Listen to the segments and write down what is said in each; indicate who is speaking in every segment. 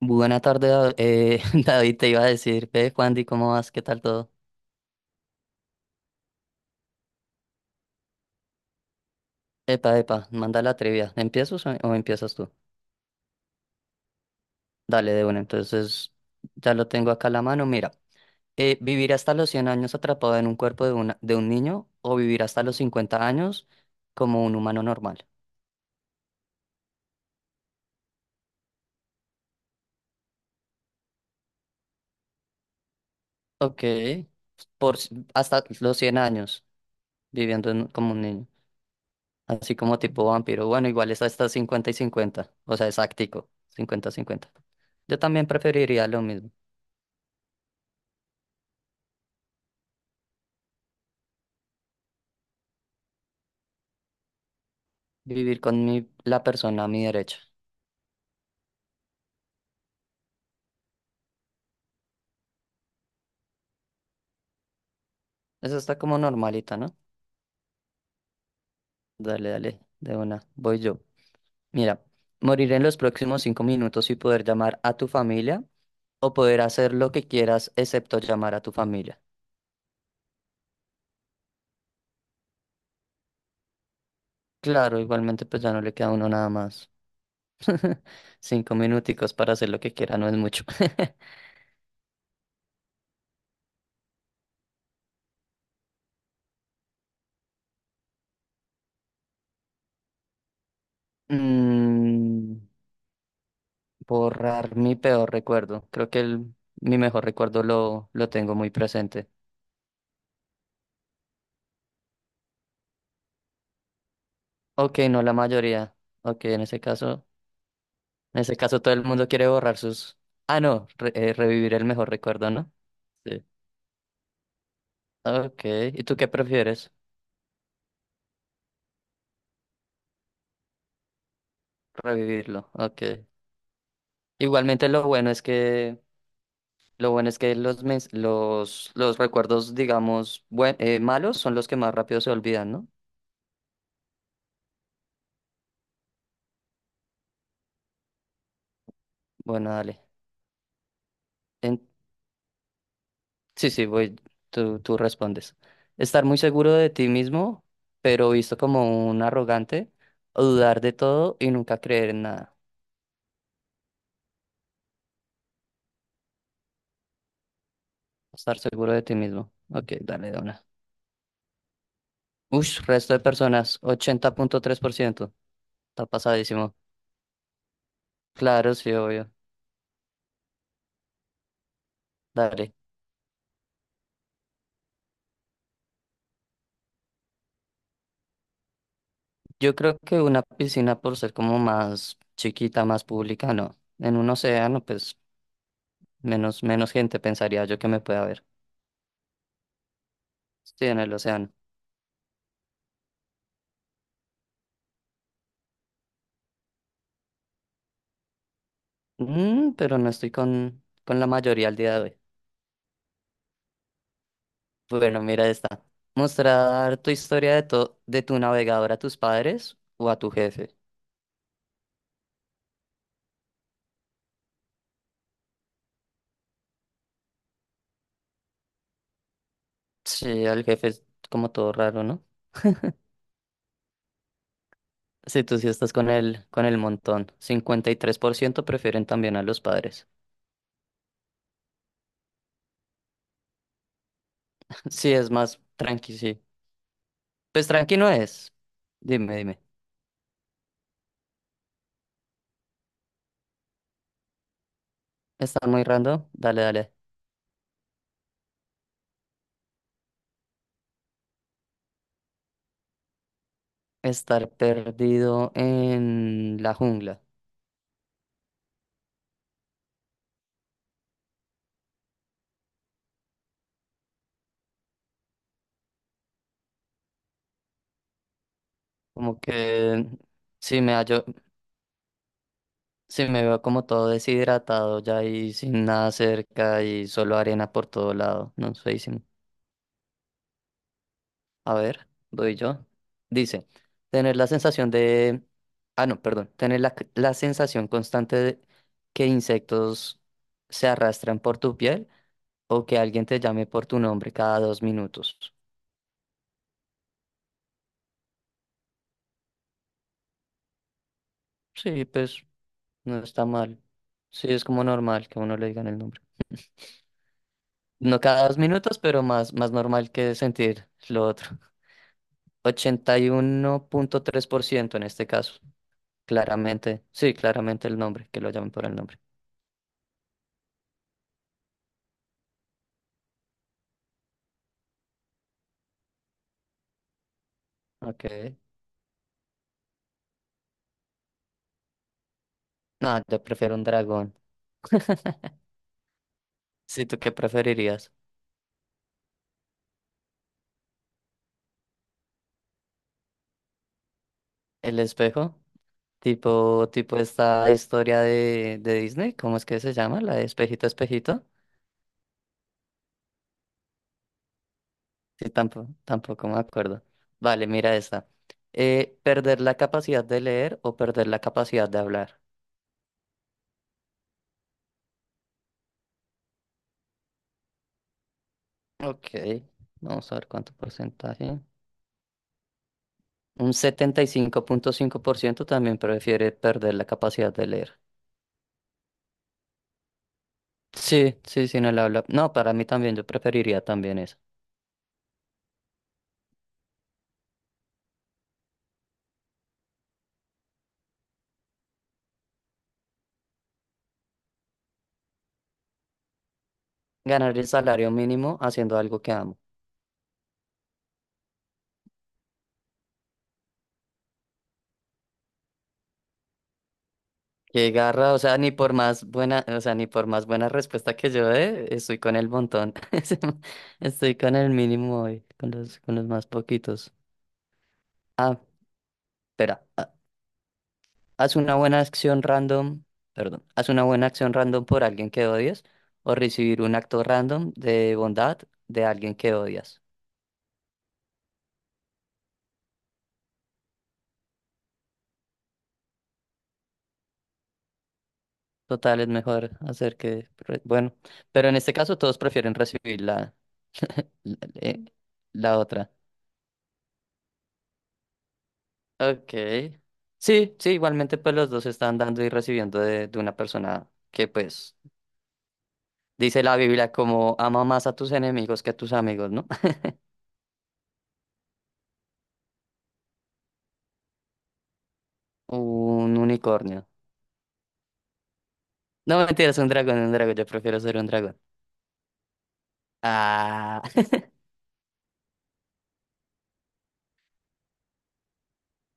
Speaker 1: Buena tarde, David, te iba a decir, ve, Juandi, ¿cómo vas? ¿Qué tal todo? Epa, epa, manda la trivia. ¿Empiezas o empiezas tú? Dale, de una. Entonces, ya lo tengo acá a la mano. Mira, vivir hasta los 100 años atrapado en un cuerpo de un niño o vivir hasta los 50 años como un humano normal. Ok, por, s- hasta los 100 años viviendo como un niño, así como tipo vampiro. Bueno, igual es hasta cincuenta y 50. O sea, exactico, cincuenta cincuenta. Yo también preferiría lo mismo. Vivir con la persona a mi derecha. Eso está como normalita, ¿no? Dale, dale, de una. Voy yo. Mira, morir en los próximos 5 minutos y poder llamar a tu familia o poder hacer lo que quieras excepto llamar a tu familia. Claro, igualmente pues ya no le queda a uno nada más. Cinco minuticos para hacer lo que quiera no es mucho. Mm, borrar mi peor recuerdo. Creo que mi mejor recuerdo lo tengo muy presente. Ok, no la mayoría. Ok, en ese caso. En ese caso, todo el mundo quiere borrar sus... Ah, no, revivir el mejor recuerdo, ¿no? Sí. Ok, ¿y tú qué prefieres? Revivirlo, ok. Igualmente lo bueno es que... Lo bueno es que los recuerdos, digamos, malos son los que más rápido se olvidan, ¿no? Bueno, dale. En- Sí, sí, voy, tú respondes. Estar muy seguro de ti mismo, pero visto como un arrogante, o dudar de todo y nunca creer en nada. Estar seguro de ti mismo. Ok, dale, de una. Ush, resto de personas, 80,3%, está pasadísimo. Claro, sí, obvio. Dale. Yo creo que una piscina por ser como más chiquita, más pública, no. En un océano, pues menos, menos gente pensaría yo que me pueda ver. Estoy en el océano. Pero no estoy con la mayoría al día de hoy. Bueno, mira esta. Mostrar tu historia de tu navegador a tus padres o a tu jefe. Sí, al jefe es como todo raro, ¿no? Sí, tú sí estás con el montón. 53% prefieren también a los padres. Sí, es más tranqui, sí. Pues tranqui no es. Dime, dime. ¿Está muy random? Dale, dale. Estar perdido en la jungla. Como que si me hallo, si me veo como todo deshidratado ya y sin nada cerca y solo arena por todo lado. No sé, a ver, doy yo. Dice, tener la sensación de... Ah, no, perdón. Tener la sensación constante de que insectos se arrastran por tu piel o que alguien te llame por tu nombre cada 2 minutos. Sí, pues no está mal. Sí, es como normal que a uno le digan el nombre. No cada 2 minutos, pero más, más normal que sentir lo otro. 81,3% en este caso. Claramente, sí, claramente el nombre, que lo llamen por el nombre. Ok. No, yo prefiero un dragón. ¿Sí tú qué preferirías? ¿El espejo? Tipo, tipo esta historia de Disney, ¿cómo es que se llama? La de espejito, espejito. Sí, tampoco, tampoco me acuerdo. Vale, mira esta. ¿Perder la capacidad de leer o perder la capacidad de hablar? Ok, vamos a ver cuánto porcentaje. Un setenta y cinco punto cinco por ciento también prefiere perder la capacidad de leer. Sí, sí, sin el habla. No, para mí también, yo preferiría también eso. Ganar el salario mínimo haciendo algo que amo. Qué garra, o sea, ni por más buena, o sea, ni por más buena respuesta que yo dé, estoy con el montón. Estoy con el mínimo hoy, con los más poquitos. Ah, espera, ah, haz una buena acción random, perdón, haz una buena acción random por alguien que odias o recibir un acto random de bondad de alguien que odias. Total, es mejor hacer que, bueno, pero en este caso todos prefieren recibir la la- la otra. Ok. Sí, sí, igualmente pues los dos están dando y recibiendo de una persona que pues dice la Biblia como ama más a tus enemigos que a tus amigos, ¿no? Un unicornio. No, mentira, es un dragón, yo prefiero ser un dragón. Ah,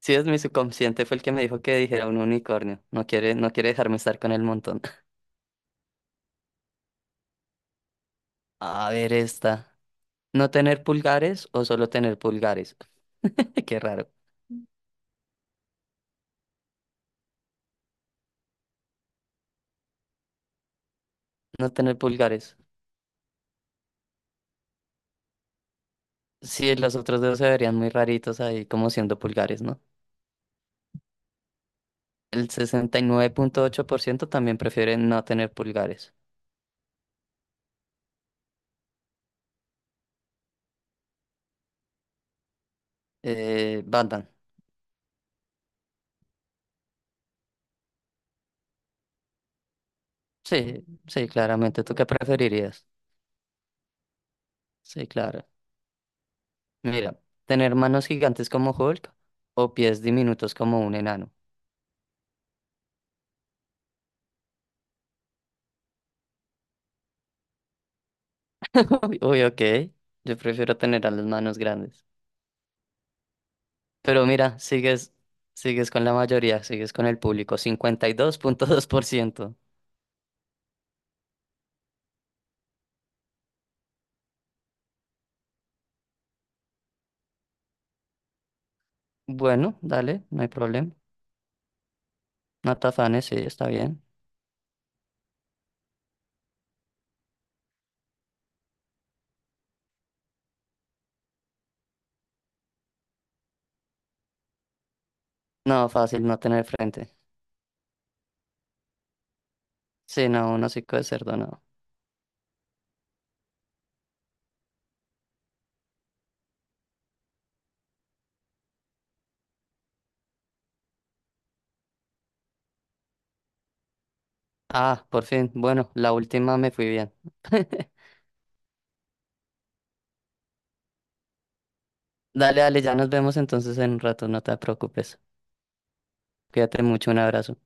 Speaker 1: sí, es mi subconsciente, fue el que me dijo que dijera un unicornio. No quiere dejarme estar con el montón. A ver esta. ¿No tener pulgares o solo tener pulgares? Qué raro. No tener pulgares. Sí, los otros dos se verían muy raritos ahí como siendo pulgares, ¿no? El 69,8% también prefiere no tener pulgares. Batman. Sí, sí, claramente. ¿Tú qué preferirías? Sí, claro. Mira, tener manos gigantes como Hulk o pies diminutos como un enano. Uy, uy, ok. Yo prefiero tener a las manos grandes. Pero mira, sigues con la mayoría, sigues con el público, cincuenta y dos punto dos por ciento. Bueno, dale, no hay problema. No te afanes, sí, está bien. No, fácil no tener frente. Sí, no, un hocico de cerdo, no. Ah, por fin. Bueno, la última me fui bien. Dale, dale, ya nos vemos entonces en un rato, no te preocupes. Cuídate mucho, un abrazo.